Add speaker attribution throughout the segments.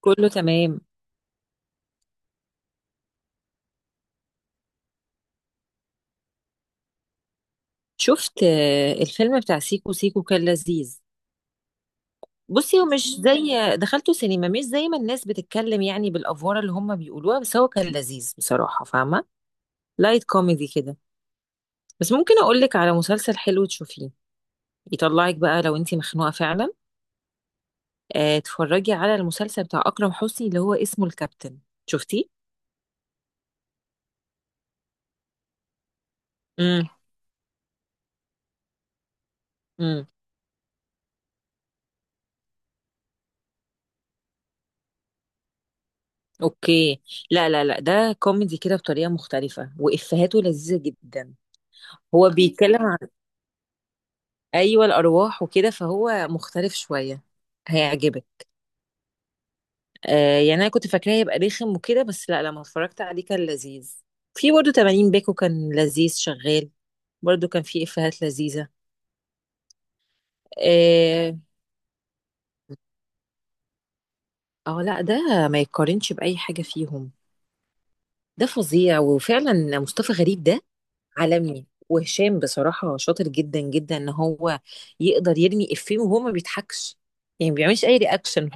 Speaker 1: كله تمام. شفت، الفيلم بتاع سيكو سيكو كان لذيذ. بصي، هو مش زي دخلته سينما مش زي ما الناس بتتكلم يعني بالافوار اللي هم بيقولوها، بس هو كان لذيذ بصراحه، فاهمه؟ لايت كوميدي كده. بس ممكن اقول لك على مسلسل حلو تشوفيه، يطلعك بقى لو انتي مخنوقه فعلا. اتفرجي على المسلسل بتاع اكرم حسني اللي هو اسمه الكابتن. شفتيه؟ امم. امم. اوكي. لا لا لا، ده كوميدي كده بطريقه مختلفه وافهاته لذيذه جدا. هو بيتكلم، ايوه، الارواح وكده، فهو مختلف شويه. هيعجبك. آه، يعني انا كنت فاكراه هيبقى رخم وكده، بس لا، لما اتفرجت عليه كان لذيذ. في برضه 80 باكو كان لذيذ شغال، برضه كان فيه افيهات لذيذه. اه. لا، ده ما يتقارنش باي حاجه فيهم. ده فظيع، وفعلا مصطفى غريب ده عالمي، وهشام بصراحه شاطر جدا جدا، ان هو يقدر يرمي افيه وهو ما بيضحكش، يعني ما بيعملش اي رياكشن.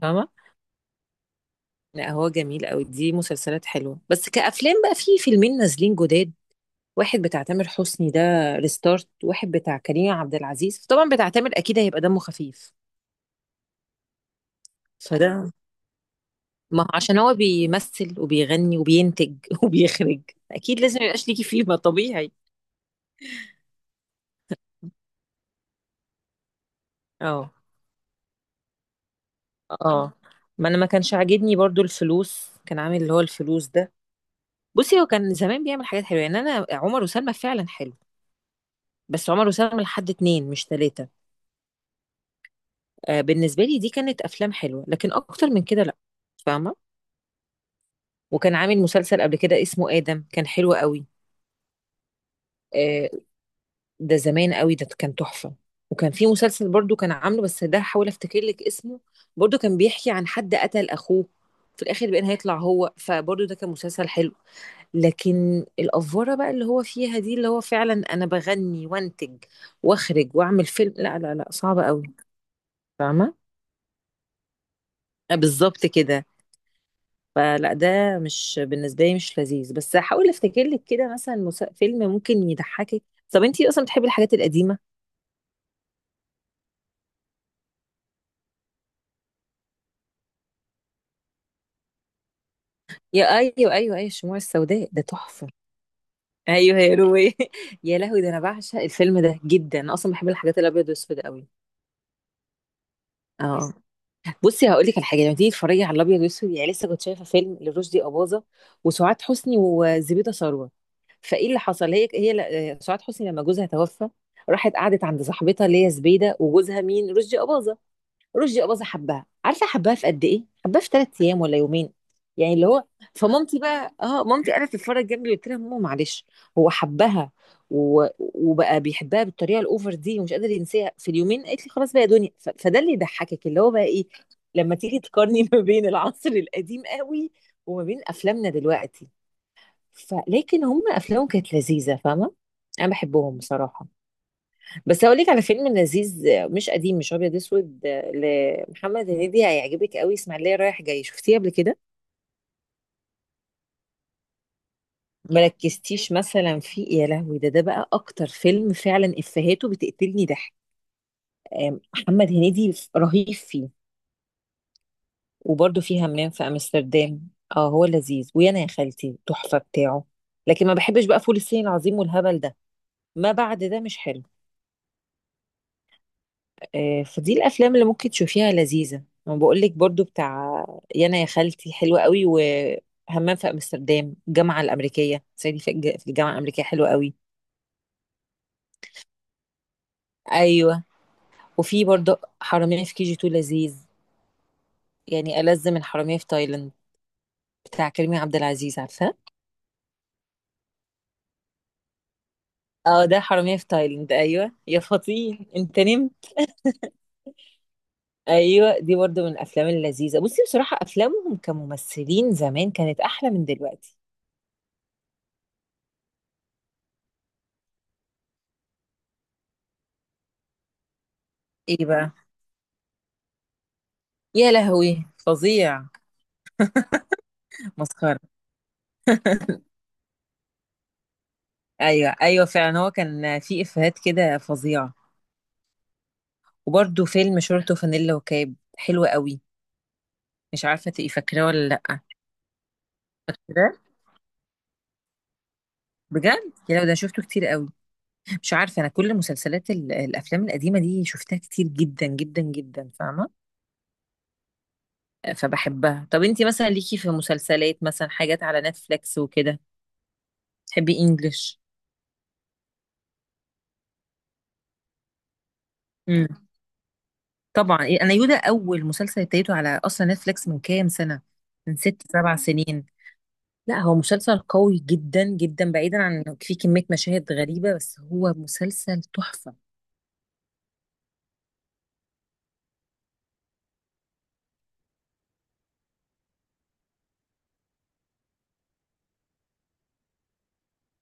Speaker 1: لا، هو جميل قوي، دي مسلسلات حلوه. بس كأفلام بقى في فيلمين نازلين جداد: واحد بتاع تامر حسني، ده ريستارت، واحد بتاع كريم عبد العزيز. طبعا بتاع تامر اكيد هيبقى دمه خفيف، فده، ما هو عشان هو بيمثل وبيغني وبينتج وبيخرج، اكيد لازم يبقاش ليكي فيه ما طبيعي. اه. اه. ما انا ما كانش عاجبني برضو الفلوس، كان عامل اللي هو الفلوس ده. بصي، هو كان زمان بيعمل حاجات حلوه، يعني انا عمر وسلمى فعلا حلو، بس عمر وسلمى لحد اتنين مش تلاته. بالنسبة لي دي كانت أفلام حلوة، لكن أكتر من كده لأ. فاهمة؟ وكان عامل مسلسل قبل كده اسمه آدم، كان حلو قوي. آه، ده زمان قوي، ده كان تحفة. وكان في مسلسل برضو كان عامله، بس ده حاول أفتكر لك اسمه، برضو كان بيحكي عن حد قتل أخوه في الآخر بقى هيطلع هو، فبرضو ده كان مسلسل حلو. لكن الأفورة بقى اللي هو فيها دي، اللي هو فعلا أنا بغني وأنتج وأخرج وأعمل فيلم، لا لا لا صعبة قوي، فاهمة؟ بالظبط كده. فلا، ده مش بالنسبه لي مش لذيذ. بس هحاول افتكر لك كده، مثلا فيلم ممكن يضحكك. طب انتي اصلا بتحبي الحاجات القديمه. يا ايوه ايوه ايوه، الشموع السوداء ده تحفه. ايوه يا روي يا لهوي، ده انا بعشق الفيلم ده جدا، انا اصلا بحب الحاجات الابيض والاسود قوي. اه. بصي، هقول لك على حاجه: لما تيجي تتفرجي على الابيض والاسود، يعني لسه كنت شايفه فيلم لرشدي اباظه وسعاد حسني وزبيده ثروت، فايه اللي حصل، سعاد حسني لما جوزها توفى راحت قعدت عند صاحبتها اللي هي زبيده، وجوزها مين؟ رشدي اباظه. رشدي أباظة حبها، عارفه حبها في قد ايه؟ حبها في 3 ايام ولا يومين، يعني اللي هو، فمامتي بقى، مامتي قاعده تتفرج جنبي، قلت لها ماما معلش، هو حبها. و... وبقى بيحبها بالطريقه الاوفر دي ومش قادر ينساها في اليومين، قالت لي خلاص بقى يا دنيا. ف... فده اللي يضحكك، اللي هو بقى ايه، لما تيجي تقارني ما بين العصر القديم قوي وما بين افلامنا دلوقتي. فلكن هم افلامهم كانت لذيذه، فاهمه؟ انا بحبهم بصراحه. بس هقول لك على فيلم لذيذ، مش قديم مش ابيض اسود، لمحمد هنيدي، هيعجبك قوي: اسماعيليه رايح جاي، شفتيه قبل كده؟ مركزتيش مثلا فيه؟ يا لهوي، ده بقى اكتر فيلم فعلا افهاته بتقتلني ضحك. محمد هنيدي رهيب فيه. وبرده فيه همام في امستردام. اه، هو لذيذ. ويانا يا خالتي تحفه بتاعه. لكن ما بحبش بقى فول الصين العظيم والهبل ده، ما بعد ده مش حلو. فدي الافلام اللي ممكن تشوفيها لذيذه. انا بقول لك برضو بتاع يانا يا خالتي حلوه قوي، وهمام في امستردام، الجامعه الامريكيه، صعيدي في الجامعه الامريكيه حلوه قوي. ايوه. وفي برضو حراميه في كي جي 2 لذيذ، يعني ألذ من حراميه في تايلاند، بتاع كريم عبد العزيز، عارفاه؟ اه، ده حراميه في تايلاند، ايوه، يا فطين انت نمت. ايوه، دي برضو من الافلام اللذيذه. بصي بصراحه افلامهم كممثلين زمان كانت احلى من دلوقتي. ايه بقى؟ يا لهوي فظيع. مسخره. ايوه ايوه، فعلا هو كان في افيهات كده فظيعه. وبرده فيلم شورت وفانيلا وكاب حلو قوي، مش عارفه تبقي فاكراه ولا لا. فاكراه بجد، يا لو ده شفته كتير قوي. مش عارفه، انا كل مسلسلات الافلام القديمه دي شفتها كتير جدا جدا جدا، فاهمه؟ فبحبها. طب انتي مثلا ليكي في مسلسلات، مثلا حاجات على نتفليكس وكده؟ تحبي انجلش؟ امم. طبعا، انا يودا اول مسلسل ابتديته على اصلا نتفليكس من كام سنه، من 6 7 سنين. لا، هو مسلسل قوي جدا جدا، بعيدا عن انه فيه كمية مشاهد غريبة، بس هو مسلسل تحفة.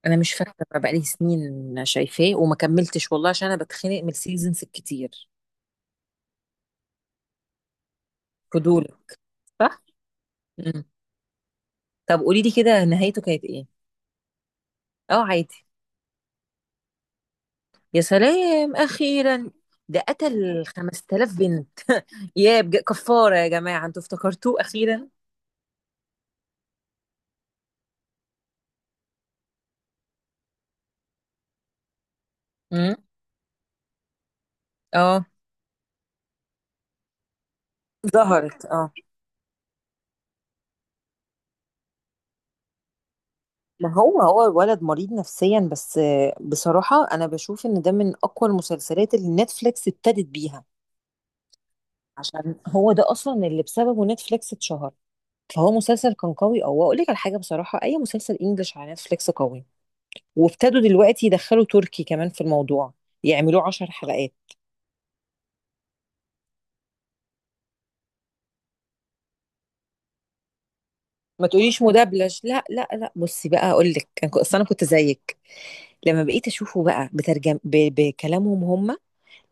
Speaker 1: انا مش فاكرة بقى، بقالي سنين شايفاه وما كملتش والله، عشان انا بتخنق من السيزونز الكتير. فضول، صح؟ مم. طب قولي لي كده، نهايته كانت ايه؟ اه عادي. يا سلام، اخيرا. ده قتل 5,000 بنت. كفارة يا جماعة، انتوا افتكرتوه اخيرا؟ مم. اه. ظهرت، اه. ما هو هو الولد مريض نفسيا بس. بصراحة أنا بشوف إن ده من أقوى المسلسلات اللي نتفليكس ابتدت بيها، عشان هو ده أصلا اللي بسببه نتفليكس اتشهر. فهو مسلسل كان قوي. أو أقول لك على حاجة بصراحة: أي مسلسل إنجلش على نتفليكس قوي، وابتدوا دلوقتي يدخلوا تركي كمان في الموضوع، يعملوه 10 حلقات. ما تقوليش مدبلج، لا لا لا. بصي بقى، أقول لك، أنا أصل أنا كنت زيك، لما بقيت أشوفه بقى بترجم، ب... بكلامهم هم،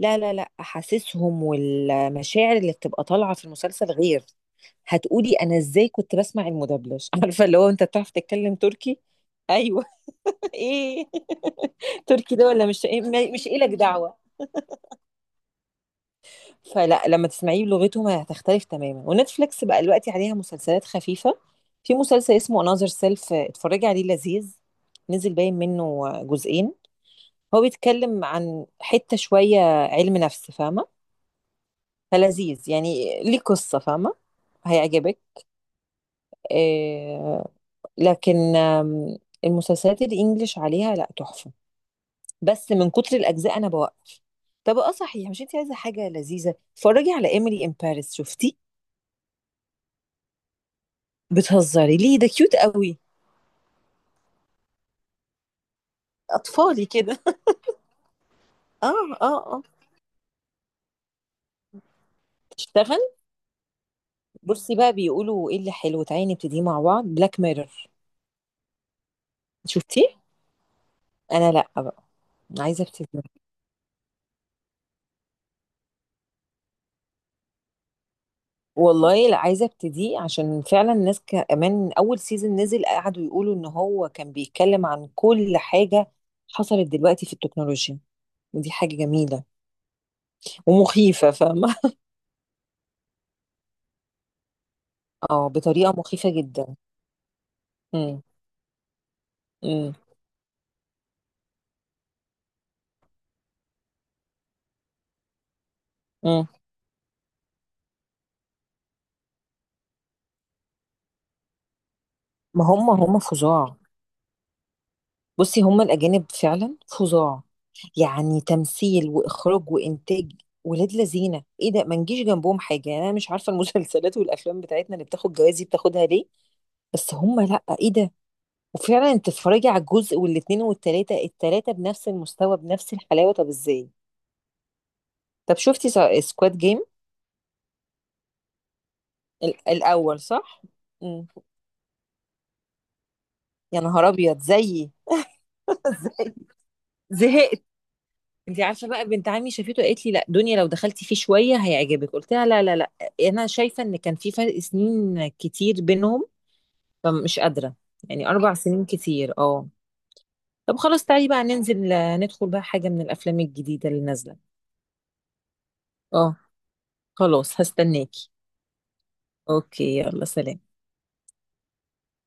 Speaker 1: لا لا لا، احاسيسهم والمشاعر اللي بتبقى طالعه في المسلسل غير. هتقولي انا ازاي كنت بسمع المدبلج عارفه اللي هو انت بتعرف تتكلم تركي. ايوه ايه تركي ده ولا مش إيه؟ مش إلك دعوه. فلا، لما تسمعيه بلغتهم هتختلف تماما. ونتفليكس بقى دلوقتي عليها مسلسلات خفيفه، في مسلسل اسمه انذر سيلف، اتفرجي عليه لذيذ، نزل باين منه جزئين، هو بيتكلم عن حته شويه علم نفس، فاهمه؟ فلذيذ يعني، ليه قصة، فاهمة؟ هيعجبك. آه. لكن المسلسلات الإنجليش عليها لا تحفة. بس من كتر الأجزاء أنا بوقف. طب اه صحيح، مش انت عايزة حاجة لذيذة؟ اتفرجي على إيميلي إن باريس، شفتي؟ بتهزري ليه؟ ده كيوت قوي. أطفالي كده اه. اه. اه. اشتغل. بصي بقى، بيقولوا ايه اللي حلو، تعالي نبتدي مع بعض بلاك ميرور، شفتيه؟ أنا لا بقى، عايزة ابتدي. والله لا، عايزه ابتديه، عشان فعلا الناس كمان اول سيزون نزل قعدوا يقولوا ان هو كان بيتكلم عن كل حاجه حصلت دلوقتي في التكنولوجيا. ودي حاجه جميله ومخيفه، فاهمه؟ اه، بطريقه مخيفه جدا. امم. امم. امم. ما هم هم فظاع. بصي هم الاجانب فعلا فظاع، يعني تمثيل واخراج وانتاج، ولاد لذينه، ايه ده، ما نجيش جنبهم حاجه. يعني انا مش عارفه المسلسلات والافلام بتاعتنا اللي بتاخد جوائز دي بتاخدها ليه، بس هم لا، ايه ده! وفعلا انت تتفرجي على الجزء والاتنين والتلاتة، التلاتة بنفس المستوى بنفس الحلاوة، طب ازاي؟ طب شفتي سكواد جيم؟ الاول صح. مم. يا نهار ابيض زيي زهقت. انت عارفه بقى بنت عمي شافته قالت لي لا دنيا، لو دخلتي فيه شويه هيعجبك. قلت لها لا لا لا، انا شايفه ان كان في فرق سنين كتير بينهم، فمش قادره، يعني 4 سنين كتير، اه. طب خلاص، تعالي بقى ننزل، ندخل بقى حاجه من الافلام الجديده اللي نازله. اه خلاص، هستناكي. اوكي يلا، سلام.